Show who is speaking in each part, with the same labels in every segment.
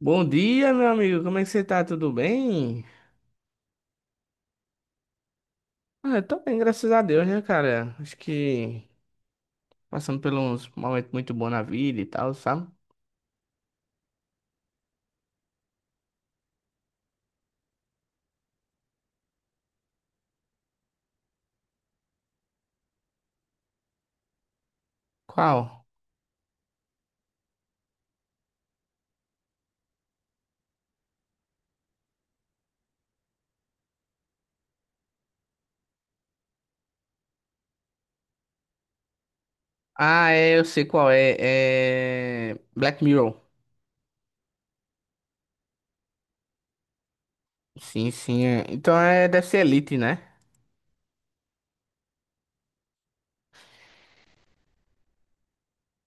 Speaker 1: Bom dia, meu amigo. Como é que você tá? Tudo bem? Ah, eu tô bem, graças a Deus, né, cara? Acho que passando por uns momentos muito bons na vida e tal, sabe? Qual? Ah, é, eu sei qual é. É. Black Mirror. Sim, sim. É. Então é deve ser Elite, né?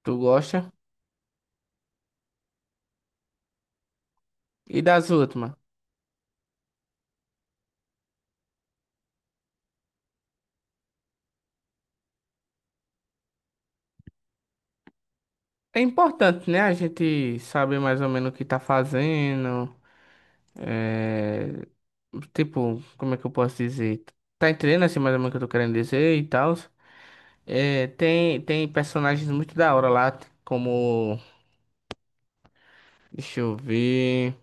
Speaker 1: Tu gosta? E das últimas? É importante, né? A gente saber mais ou menos o que tá fazendo. É... Tipo, como é que eu posso dizer? Tá entendendo assim mais ou menos o que eu tô querendo dizer e tal? É, tem personagens muito da hora lá, como. Deixa eu ver.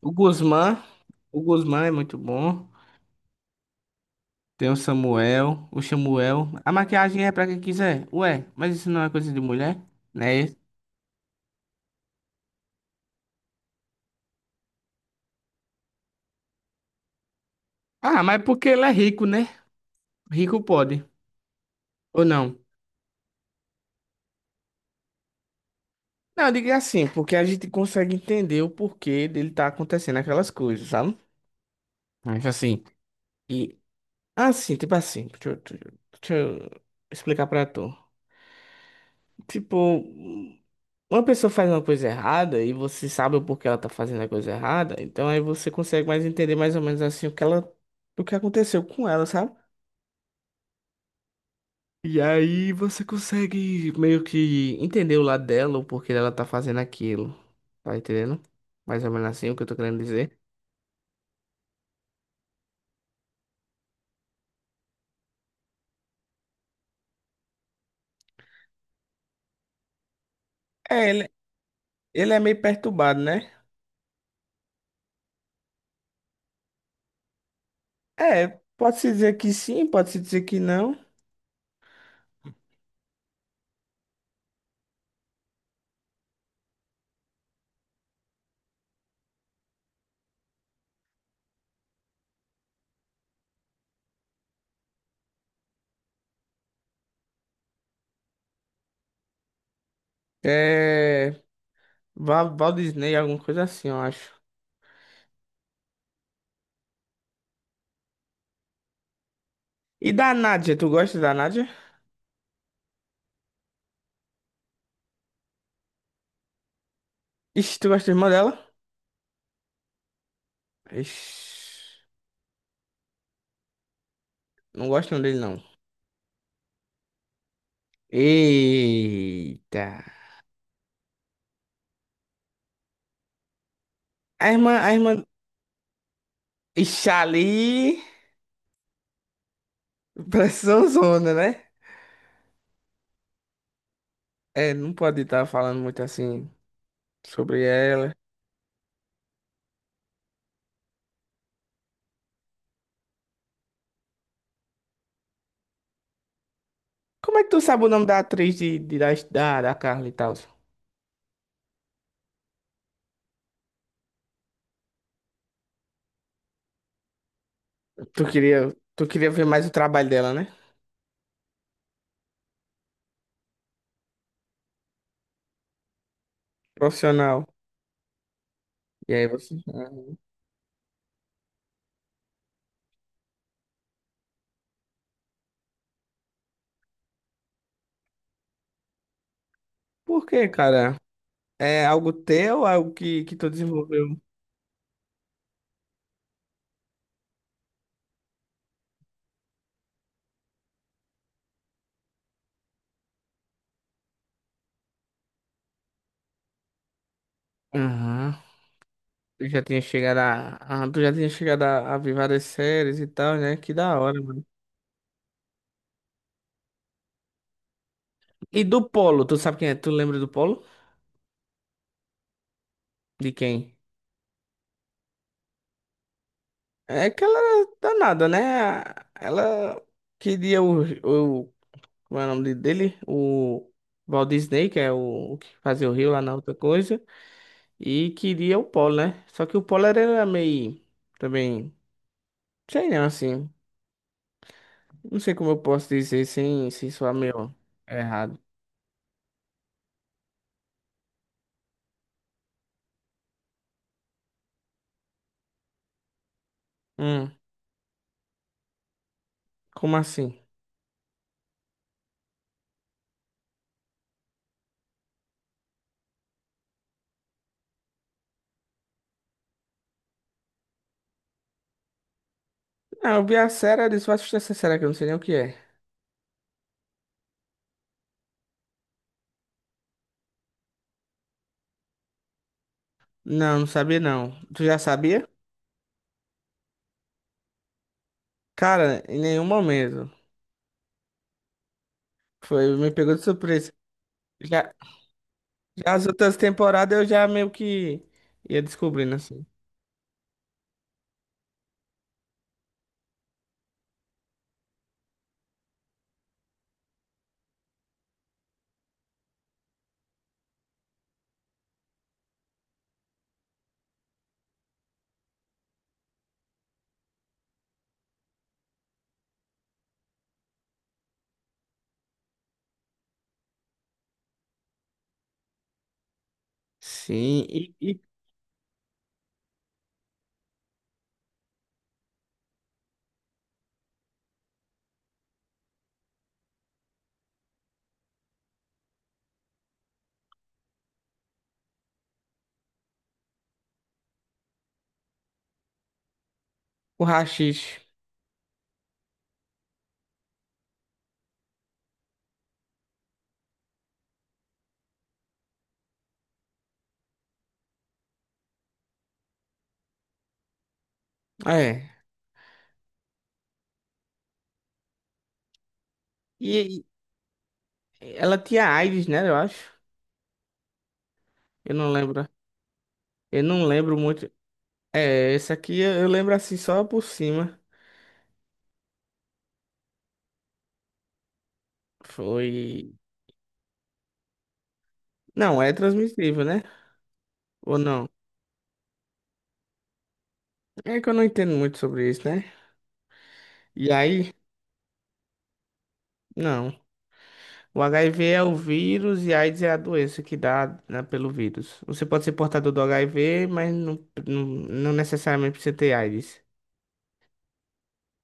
Speaker 1: O Guzmán. O Guzmán é muito bom. Tem o Samuel. O Samuel. A maquiagem é pra quem quiser. Ué, mas isso não é coisa de mulher? Né? Ah, mas porque ele é rico, né? Rico pode. Ou não? Não, diga assim, porque a gente consegue entender o porquê dele tá acontecendo aquelas coisas, sabe? Mas assim. E. Assim, tipo assim. Deixa eu explicar pra tu. Tipo. Uma pessoa faz uma coisa errada e você sabe o porquê ela tá fazendo a coisa errada, então aí você consegue mais entender mais ou menos assim o que ela, o que aconteceu com ela, sabe? E aí você consegue meio que entender o lado dela, o porquê dela tá fazendo aquilo. Tá entendendo? Mais ou menos assim o que eu tô querendo dizer. É, ele é meio perturbado, né? É, pode-se dizer que sim, pode-se dizer que não. É. Val, Walt Disney, alguma coisa assim, eu acho. E da Nádia, tu gosta da Nádia? Ixi, tu gosta da irmã dela? Ixi, não gosto não dele, não. Eita. A irmã. Ixi, ali. Pressão zona, né? É, não pode estar falando muito assim sobre ela. Como é que tu sabe o nome da atriz da Carla e tal? Tu queria ver mais o trabalho dela, né? Profissional. E aí você. Ah, por quê, cara? É algo teu, algo que tu desenvolveu? Aham. Tu já tinha chegado a- tu já tinha chegado a ver várias séries e tal, né? Que da hora, mano. E do Polo, tu sabe quem é? Tu lembra do Polo? De quem? É aquela danada, né? Ela queria o como é o nome dele? O Walt Disney, que é o que fazia o Rio lá na outra coisa, e queria o Polo, né? Só que o Polo era meio também, sei não, assim, não sei como eu posso dizer sem soar meio errado. Hum, como assim? Ah, eu vi a série, eu disse, vou assistir essa série aqui, eu não sei nem o que é. Não, não sabia não. Tu já sabia? Cara, em nenhum momento. Foi, me pegou de surpresa. Já, já as outras temporadas eu já meio que ia descobrindo, assim. Sim, e o Rachis. É. E, e ela tinha AIDS, né, eu acho. Eu não lembro. Eu não lembro muito. É, esse aqui eu lembro assim só por cima. Foi. Não, é transmissível, né? Ou não? É que eu não entendo muito sobre isso, né? E aí. Não. O HIV é o vírus e a AIDS é a doença que dá, né, pelo vírus. Você pode ser portador do HIV, mas não, não, não necessariamente precisa ter AIDS.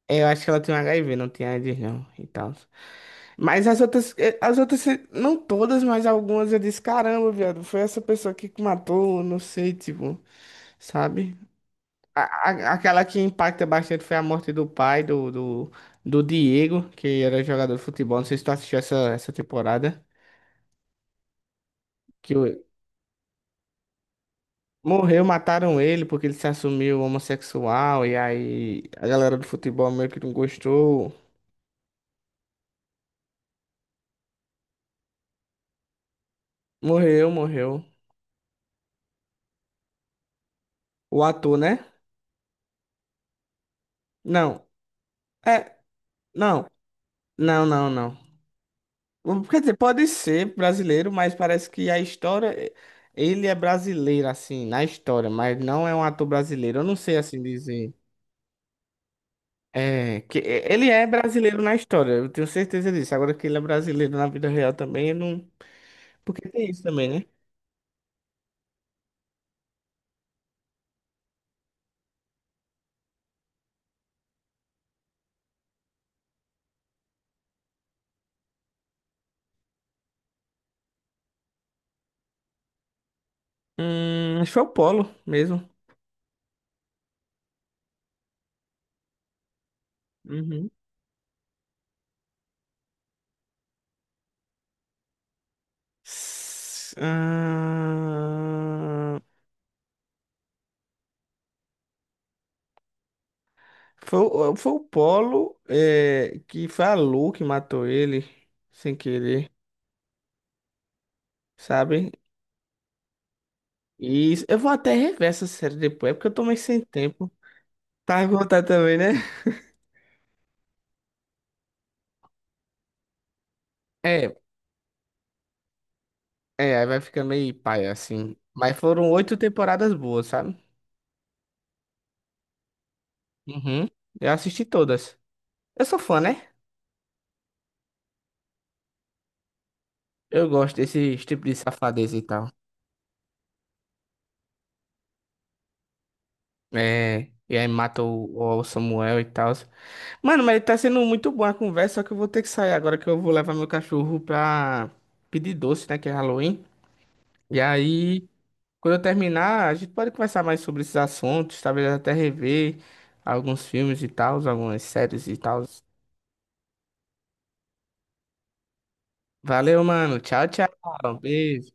Speaker 1: É, eu acho que ela tem HIV, não tem AIDS não e tal. Mas as outras, as outras, não todas, mas algumas eu disse, caramba, viado, foi essa pessoa aqui que matou, não sei, tipo, sabe? Aquela que impacta bastante foi a morte do pai do Diego, que era jogador de futebol, não sei se tu assistiu essa temporada. Morreu, mataram ele porque ele se assumiu homossexual e aí a galera do futebol meio que não gostou. Morreu, morreu. O ator, né? Não. É, não. Não, não, não. Quer dizer, pode ser brasileiro, mas parece que a história. Ele é brasileiro, assim, na história, mas não é um ator brasileiro. Eu não sei assim dizer. É, que ele é brasileiro na história, eu tenho certeza disso. Agora que ele é brasileiro na vida real também, eu não. Porque tem isso também, né? Acho que foi o Polo mesmo. Uhum. S- ah foi, foi o Polo é, que foi a Lu que matou ele, sem querer, sabe? E eu vou até rever essa série depois, é porque eu tô meio sem tempo. Tá a contar também, né? É, é, aí vai ficar meio paia assim. Mas foram oito temporadas boas, sabe? Uhum. Eu assisti todas. Eu sou fã, né? Eu gosto desse tipo de safadeza e tal. É, e aí mata o Samuel e tal. Mano, mas tá sendo muito boa a conversa, só que eu vou ter que sair agora que eu vou levar meu cachorro pra pedir doce, né? Que é Halloween. E aí, quando eu terminar, a gente pode conversar mais sobre esses assuntos, talvez até rever alguns filmes e tal, algumas séries e tal. Valeu, mano. Tchau, tchau. Beijo.